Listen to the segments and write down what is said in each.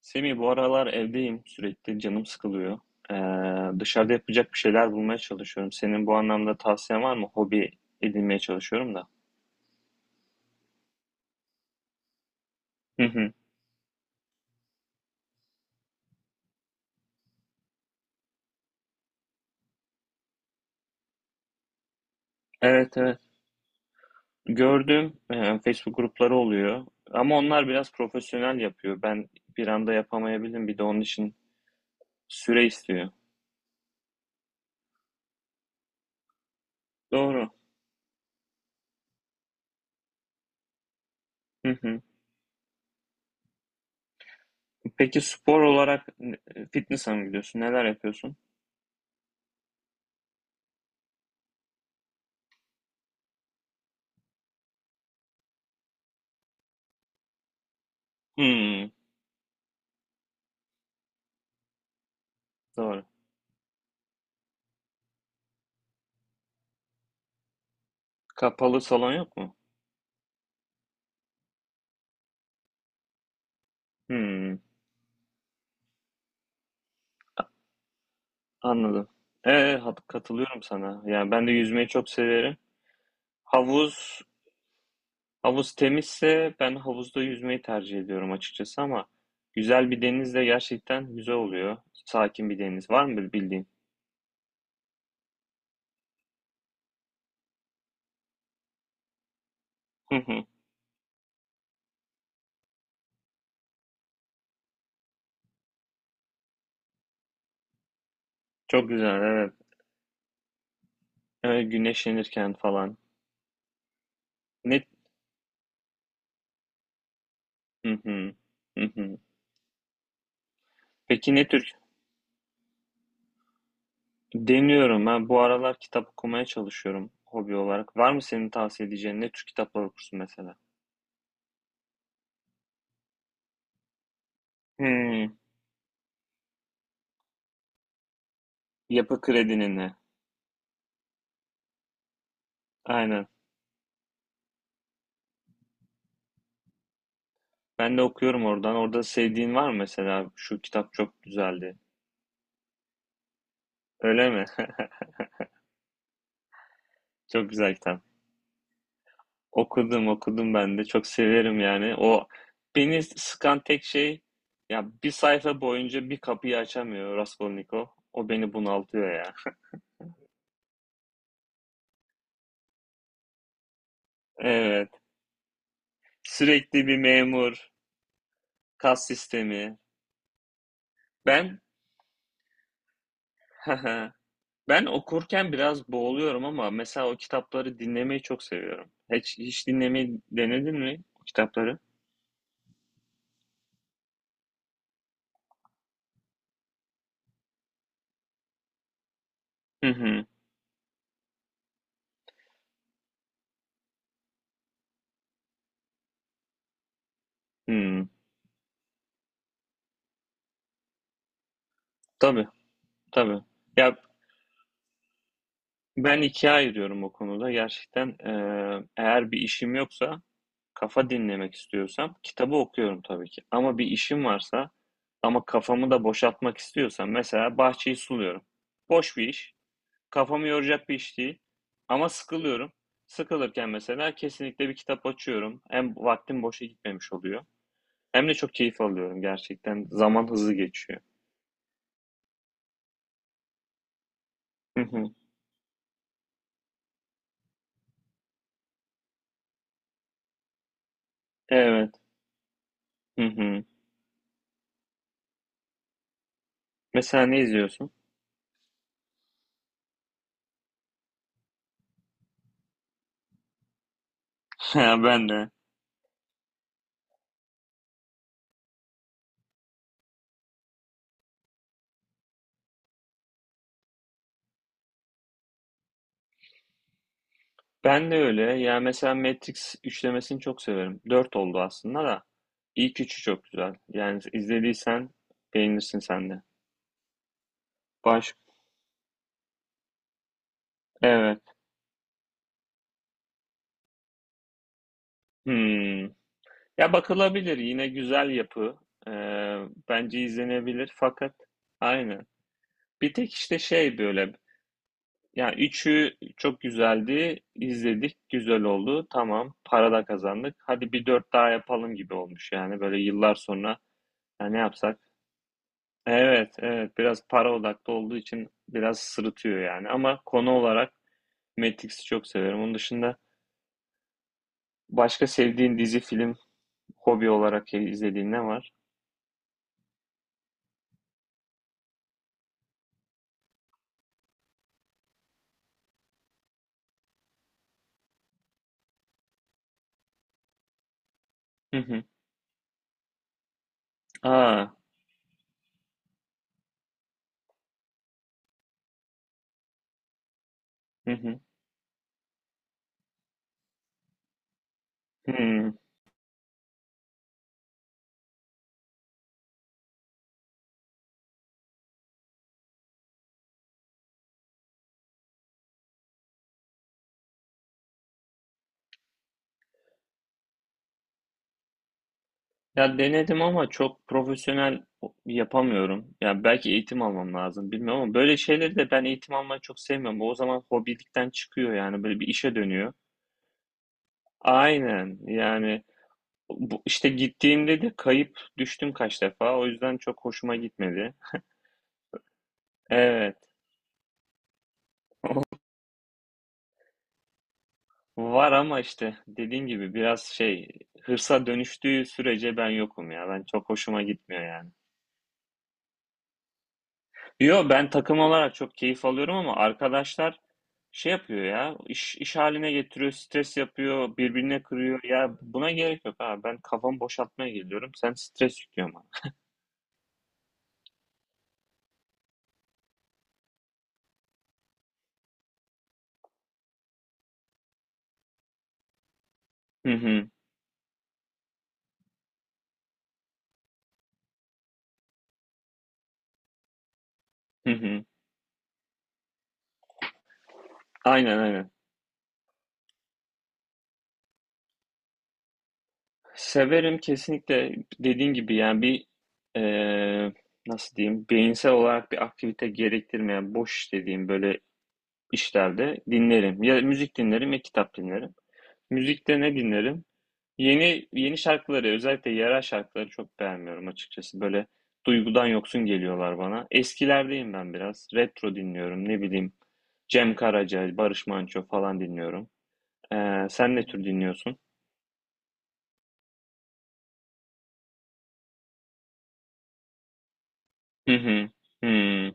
Semih bu aralar evdeyim sürekli canım sıkılıyor. Dışarıda yapacak bir şeyler bulmaya çalışıyorum. Senin bu anlamda tavsiyen var mı? Hobi edinmeye çalışıyorum da. Hı hı. Evet evet. Gördüm Facebook grupları oluyor. Ama onlar biraz profesyonel yapıyor. Ben bir anda yapamayabilirim. Bir de onun için süre istiyor. Doğru. Hı hı. Peki spor olarak fitness'a mı gidiyorsun? Neler yapıyorsun? Hmm, doğru. Kapalı salon yok mu? Hmm. Anladım. Ee, Katılıyorum sana. Yani ben de yüzmeyi çok severim. Havuz, havuz temizse ben havuzda yüzmeyi tercih ediyorum açıkçası, ama güzel bir deniz de gerçekten güzel oluyor. Sakin bir deniz. Var mı bildiğin? Hı hı. Çok güzel, evet. Güneşlenirken falan. Ne? Hı hı. Hı hı. Peki ne tür? Deniyorum. Ben bu aralar kitap okumaya çalışıyorum hobi olarak. Var mı senin tavsiye edeceğin, ne tür kitaplar okursun mesela? Hmm. Yapı Kredi'nin ne? Aynen. Ben de okuyorum oradan. Orada sevdiğin var mı mesela? Şu kitap çok güzeldi. Öyle mi? Çok güzel kitap. Okudum, okudum ben de. Çok severim yani. O beni sıkan tek şey, ya bir sayfa boyunca bir kapıyı açamıyor Raskolnikov. O beni bunaltıyor ya. Evet. Sürekli bir memur, kas sistemi. Ben ben okurken biraz boğuluyorum, ama mesela o kitapları dinlemeyi çok seviyorum. Hiç dinlemeyi denedin mi o kitapları? Hı hı. Hı. Tabii, tabii. Ya, ben 2'ye ayırıyorum o konuda. Gerçekten, eğer bir işim yoksa, kafa dinlemek istiyorsam kitabı okuyorum tabii ki. Ama bir işim varsa ama kafamı da boşaltmak istiyorsam, mesela bahçeyi suluyorum. Boş bir iş, kafamı yoracak bir iş değil ama sıkılıyorum. Sıkılırken mesela kesinlikle bir kitap açıyorum. Hem vaktim boşa gitmemiş oluyor hem de çok keyif alıyorum gerçekten. Zaman hızlı geçiyor. Hı hı. Evet. Hı hı. Mesela ne izliyorsun? Ha, ben de. Ben de öyle. Ya mesela Matrix üçlemesini çok severim. Dört oldu aslında da. İlk üçü çok güzel. Yani izlediysen beğenirsin sen de. Baş... Evet. Hmm. Ya bakılabilir. Yine güzel yapı. Ee, bence izlenebilir. Fakat aynı. Bir tek işte şey böyle. Yani üçü çok güzeldi. İzledik. Güzel oldu. Tamam. Para da kazandık. Hadi bir dört daha yapalım gibi olmuş yani. Böyle yıllar sonra ya ne yapsak? Evet, evet. Biraz para odaklı olduğu için biraz sırıtıyor yani. Ama konu olarak Matrix'i çok severim. Onun dışında başka sevdiğin dizi, film, hobi olarak izlediğin ne var? Hı hı. Aa, hı hı. Hmm. Ya denedim ama çok profesyonel yapamıyorum. Yani belki eğitim almam lazım, bilmiyorum, ama böyle şeyleri de ben eğitim almayı çok sevmiyorum. O zaman hobilikten çıkıyor, yani böyle bir işe dönüyor. Aynen yani. Bu, işte gittiğimde de kayıp düştüm kaç defa. O yüzden çok hoşuma gitmedi. Evet, var ama işte dediğim gibi biraz şey, hırsa dönüştüğü sürece ben yokum ya. Ben çok hoşuma gitmiyor yani. Yo, ben takım olarak çok keyif alıyorum ama arkadaşlar şey yapıyor ya, iş haline getiriyor, stres yapıyor, birbirine kırıyor. Ya buna gerek yok ha. Ben kafamı boşaltmaya geliyorum. Sen stres yüklüyorsun bana. Hı hı, hı hı. Aynen aynen. Severim kesinlikle, dediğin gibi yani bir eee, nasıl diyeyim, beyinsel olarak bir aktivite gerektirmeyen boş iş dediğim böyle işlerde dinlerim. Ya müzik dinlerim ya kitap dinlerim. Müzikte ne dinlerim? Yeni yeni şarkıları, özellikle yerel şarkıları çok beğenmiyorum açıkçası. Böyle duygudan yoksun geliyorlar bana. Eskilerdeyim ben biraz. Retro dinliyorum ne bileyim. Cem Karaca, Barış Manço falan dinliyorum. Sen ne tür dinliyorsun? Hı hı. Hı.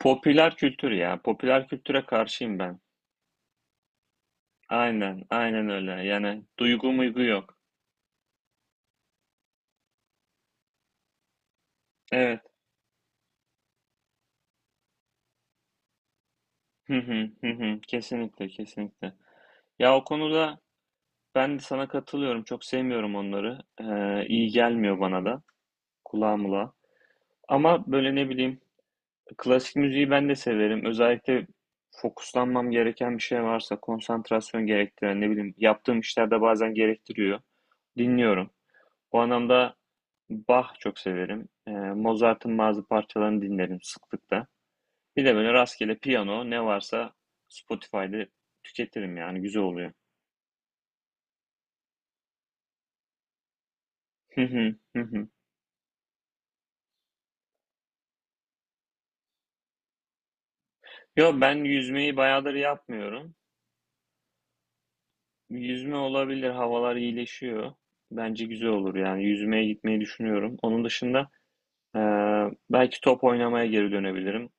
Popüler kültür ya. Popüler kültüre karşıyım ben. Aynen, aynen öyle. Yani duygu muygu yok. Evet. Hı hı, hı hı. Kesinlikle, kesinlikle. Ya o konuda ben de sana katılıyorum. Çok sevmiyorum onları. İyi gelmiyor bana da. Kulağımla. Ama böyle ne bileyim, klasik müziği ben de severim. Özellikle fokuslanmam gereken bir şey varsa, konsantrasyon gerektiren, ne bileyim, yaptığım işler de bazen gerektiriyor. Dinliyorum. O anlamda Bach çok severim. Mozart'ın bazı parçalarını dinlerim sıklıkla. Bir de böyle rastgele piyano ne varsa Spotify'da tüketirim, yani güzel oluyor. Hı hı, hı hı. Yo, ben yüzmeyi bayağıdır yapmıyorum. Yüzme olabilir, havalar iyileşiyor. Bence güzel olur, yani yüzmeye gitmeyi düşünüyorum. Onun dışında e, belki top oynamaya geri dönebilirim.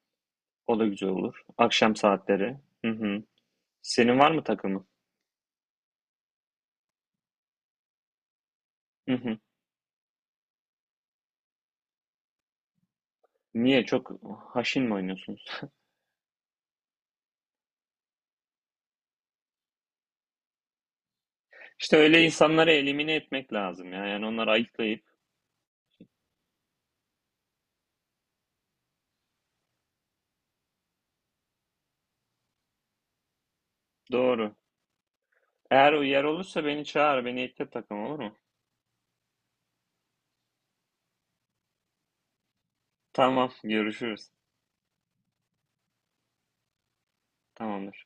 O da güzel olur. Akşam saatleri. Hı hı. Senin var mı takımın? Hı hı. Niye, çok haşin mi oynuyorsunuz? İşte öyle insanları elimine etmek lazım ya. Yani onları ayıklayıp. Doğru. Eğer yer olursa beni çağır, beni ekle takım, olur mu? Tamam, görüşürüz. Tamamdır.